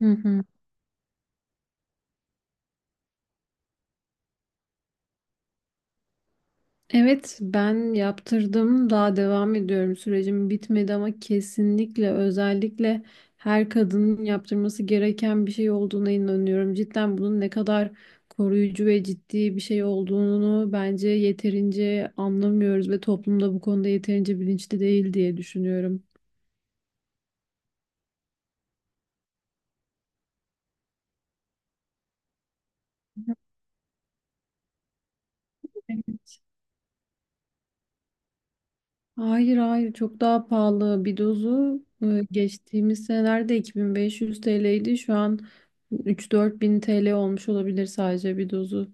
Hı hı. Evet, ben yaptırdım. Daha devam ediyorum. Sürecim bitmedi ama kesinlikle özellikle her kadının yaptırması gereken bir şey olduğuna inanıyorum. Cidden bunun ne kadar koruyucu ve ciddi bir şey olduğunu bence yeterince anlamıyoruz ve toplumda bu konuda yeterince bilinçli değil diye düşünüyorum. Evet. Hayır hayır, çok daha pahalı. Bir dozu geçtiğimiz senelerde 2.500 TL'ydi. Şu an 3-4 bin TL olmuş olabilir, sadece bir dozu.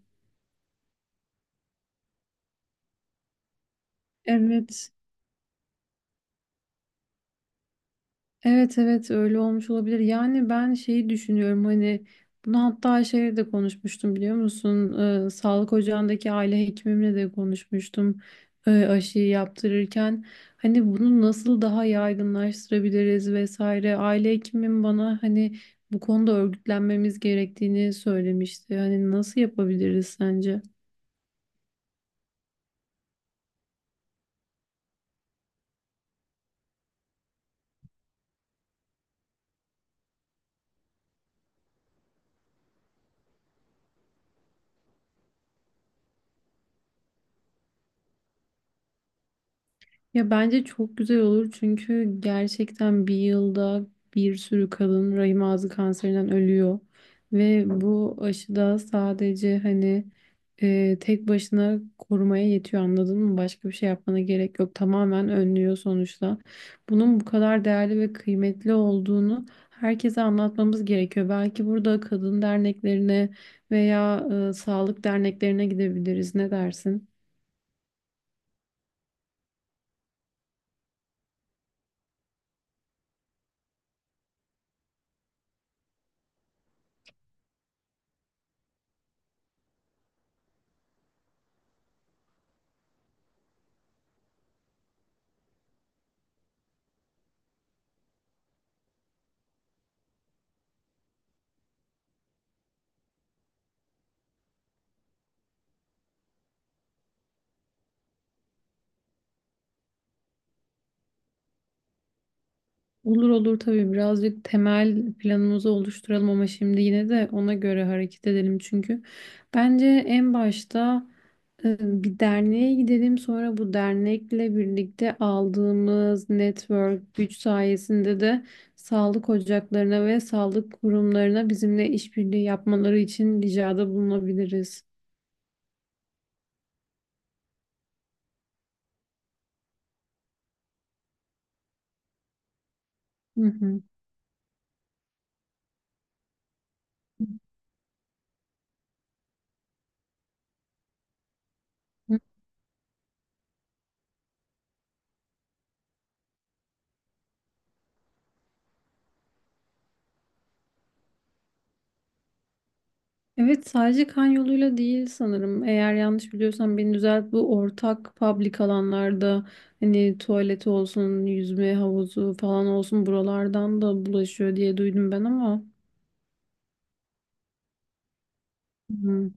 Evet. Evet evet, öyle olmuş olabilir. Yani ben şeyi düşünüyorum, hani bunu hatta şeyle de konuşmuştum, biliyor musun? Sağlık ocağındaki aile hekimimle de konuşmuştum aşıyı yaptırırken. Hani bunu nasıl daha yaygınlaştırabiliriz vesaire. Aile hekimim bana hani bu konuda örgütlenmemiz gerektiğini söylemişti. Hani nasıl yapabiliriz sence? Ya bence çok güzel olur, çünkü gerçekten bir yılda bir sürü kadın rahim ağzı kanserinden ölüyor. Ve bu aşıda sadece hani tek başına korumaya yetiyor, anladın mı? Başka bir şey yapmana gerek yok. Tamamen önlüyor sonuçta. Bunun bu kadar değerli ve kıymetli olduğunu herkese anlatmamız gerekiyor. Belki burada kadın derneklerine veya sağlık derneklerine gidebiliriz. Ne dersin? Olur olur, tabii birazcık temel planımızı oluşturalım ama şimdi yine de ona göre hareket edelim, çünkü bence en başta e, bir derneğe gidelim, sonra bu dernekle birlikte aldığımız network güç sayesinde de sağlık ocaklarına ve sağlık kurumlarına bizimle işbirliği yapmaları için ricada bulunabiliriz. Hı hı. Evet, sadece kan yoluyla değil sanırım. Eğer yanlış biliyorsam beni düzelt. Bu ortak public alanlarda hani tuvaleti olsun, yüzme havuzu falan olsun, buralardan da bulaşıyor diye duydum ben ama. Hı.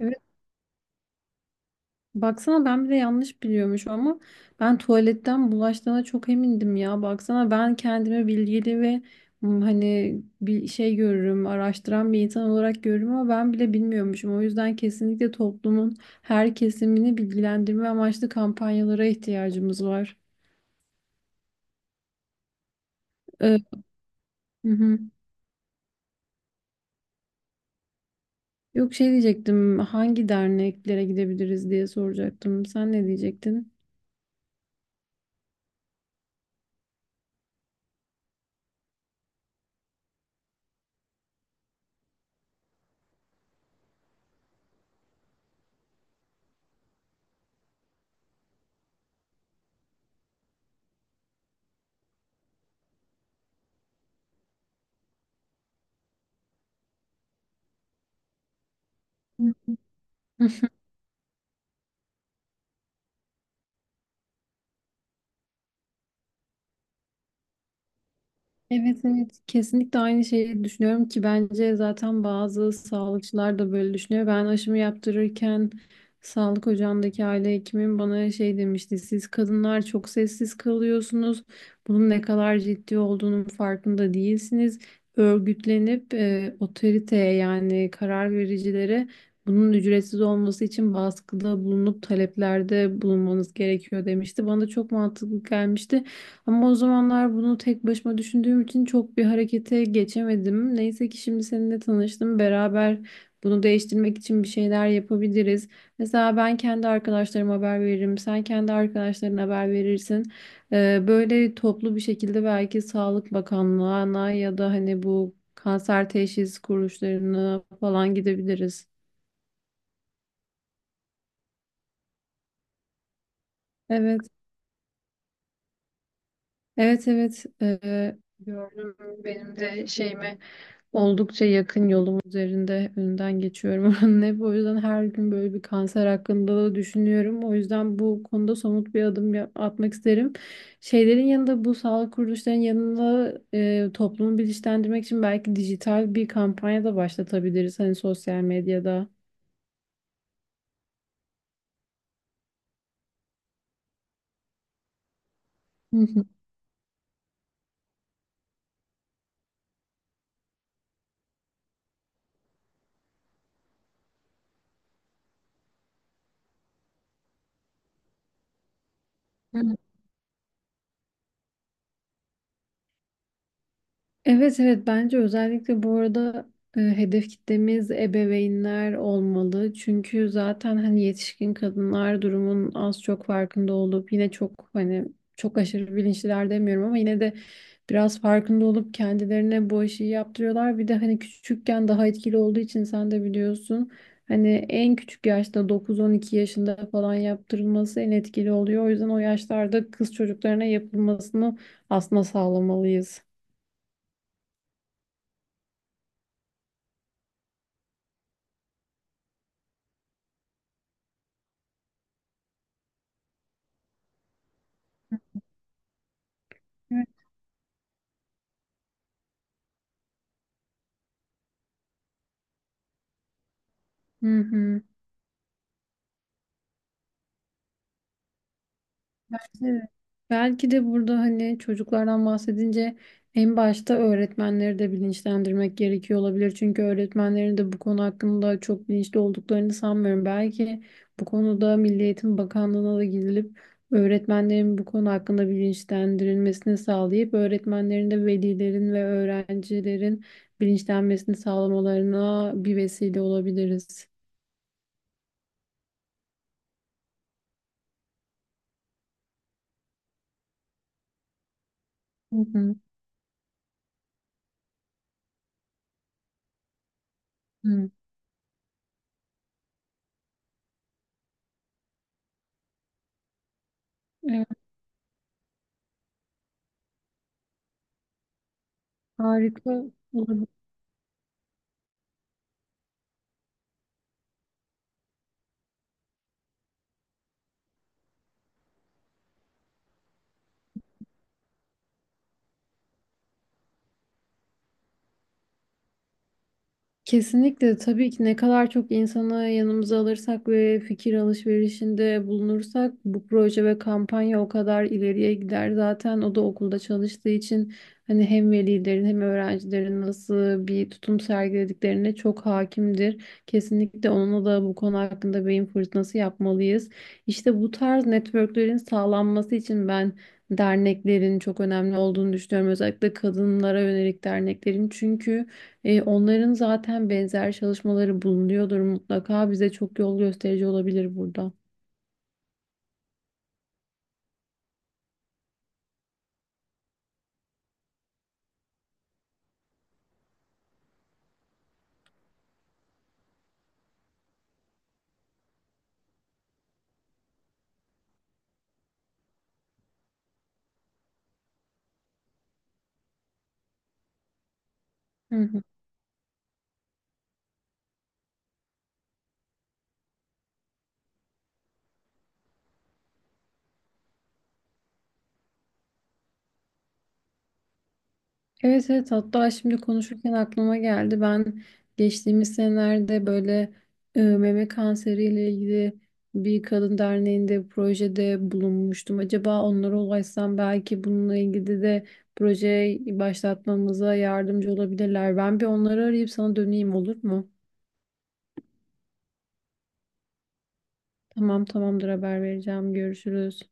Evet. Baksana, ben bile yanlış biliyormuşum ama ben tuvaletten bulaştığına çok emindim ya. Baksana, ben kendimi bilgili ve hani bir şey görürüm, araştıran bir insan olarak görürüm ama ben bile bilmiyormuşum. O yüzden kesinlikle toplumun her kesimini bilgilendirme amaçlı kampanyalara ihtiyacımız var. Ee, hı hı. Yok, şey diyecektim, hangi derneklere gidebiliriz diye soracaktım. Sen ne diyecektin? Hı hı. Evet evet, kesinlikle aynı şeyi düşünüyorum ki bence zaten bazı sağlıkçılar da böyle düşünüyor. Ben aşımı yaptırırken sağlık ocağındaki aile hekimim bana şey demişti. Siz kadınlar çok sessiz kalıyorsunuz. Bunun ne kadar ciddi olduğunun farkında değilsiniz. Örgütlenip otoriteye, yani karar vericilere bunun ücretsiz olması için baskıda bulunup taleplerde bulunmanız gerekiyor demişti. Bana da çok mantıklı gelmişti. Ama o zamanlar bunu tek başıma düşündüğüm için çok bir harekete geçemedim. Neyse ki şimdi seninle tanıştım. Beraber bunu değiştirmek için bir şeyler yapabiliriz. Mesela ben kendi arkadaşlarıma haber veririm. Sen kendi arkadaşlarına haber verirsin. Böyle toplu bir şekilde belki Sağlık Bakanlığı'na ya da hani bu kanser teşhis kuruluşlarına falan gidebiliriz. Evet, evet, evet. Gördüm benim de şeyimi. Oldukça yakın, yolum üzerinde, önünden geçiyorum oranın hep. O yüzden her gün böyle bir kanser hakkında da düşünüyorum. O yüzden bu konuda somut bir adım atmak isterim. Şeylerin yanında, bu sağlık kuruluşlarının yanında toplumu bilinçlendirmek için belki dijital bir kampanya da başlatabiliriz. Hani sosyal medyada. Hı hı. Evet evet, bence özellikle bu arada hedef kitlemiz ebeveynler olmalı. Çünkü zaten hani yetişkin kadınlar durumun az çok farkında olup, yine çok hani çok aşırı bilinçliler demiyorum ama yine de biraz farkında olup kendilerine bu işi yaptırıyorlar. Bir de hani küçükken daha etkili olduğu için, sen de biliyorsun, hani en küçük yaşta dokuz on iki yaşında falan yaptırılması en etkili oluyor. O yüzden o yaşlarda kız çocuklarına yapılmasını aslında sağlamalıyız. Hı hı. Belki de, belki de burada hani çocuklardan bahsedince en başta öğretmenleri de bilinçlendirmek gerekiyor olabilir. Çünkü öğretmenlerin de bu konu hakkında çok bilinçli olduklarını sanmıyorum. Belki bu konuda Milli Eğitim Bakanlığı'na da gidilip öğretmenlerin bu konu hakkında bilinçlendirilmesini sağlayıp öğretmenlerin de velilerin ve öğrencilerin bilinçlenmesini sağlamalarına bir vesile olabiliriz. Hı hı. Hı. Evet, harika olabilir. Kesinlikle, tabii ki ne kadar çok insanı yanımıza alırsak ve fikir alışverişinde bulunursak bu proje ve kampanya o kadar ileriye gider. Zaten o da okulda çalıştığı için hani hem velilerin hem öğrencilerin nasıl bir tutum sergilediklerine çok hakimdir. Kesinlikle onunla da bu konu hakkında beyin fırtınası yapmalıyız. İşte bu tarz networklerin sağlanması için ben derneklerin çok önemli olduğunu düşünüyorum. Özellikle kadınlara yönelik derneklerin, çünkü onların zaten benzer çalışmaları bulunuyordur mutlaka. Bize çok yol gösterici olabilir burada. Hı hı. Evet evet, hatta şimdi konuşurken aklıma geldi. Ben geçtiğimiz senelerde böyle meme kanseriyle ilgili bir kadın derneğinde projede bulunmuştum. Acaba onlara ulaşsam belki bununla ilgili de proje başlatmamıza yardımcı olabilirler. Ben bir onları arayıp sana döneyim, olur mu? Tamam, tamamdır, haber vereceğim. Görüşürüz.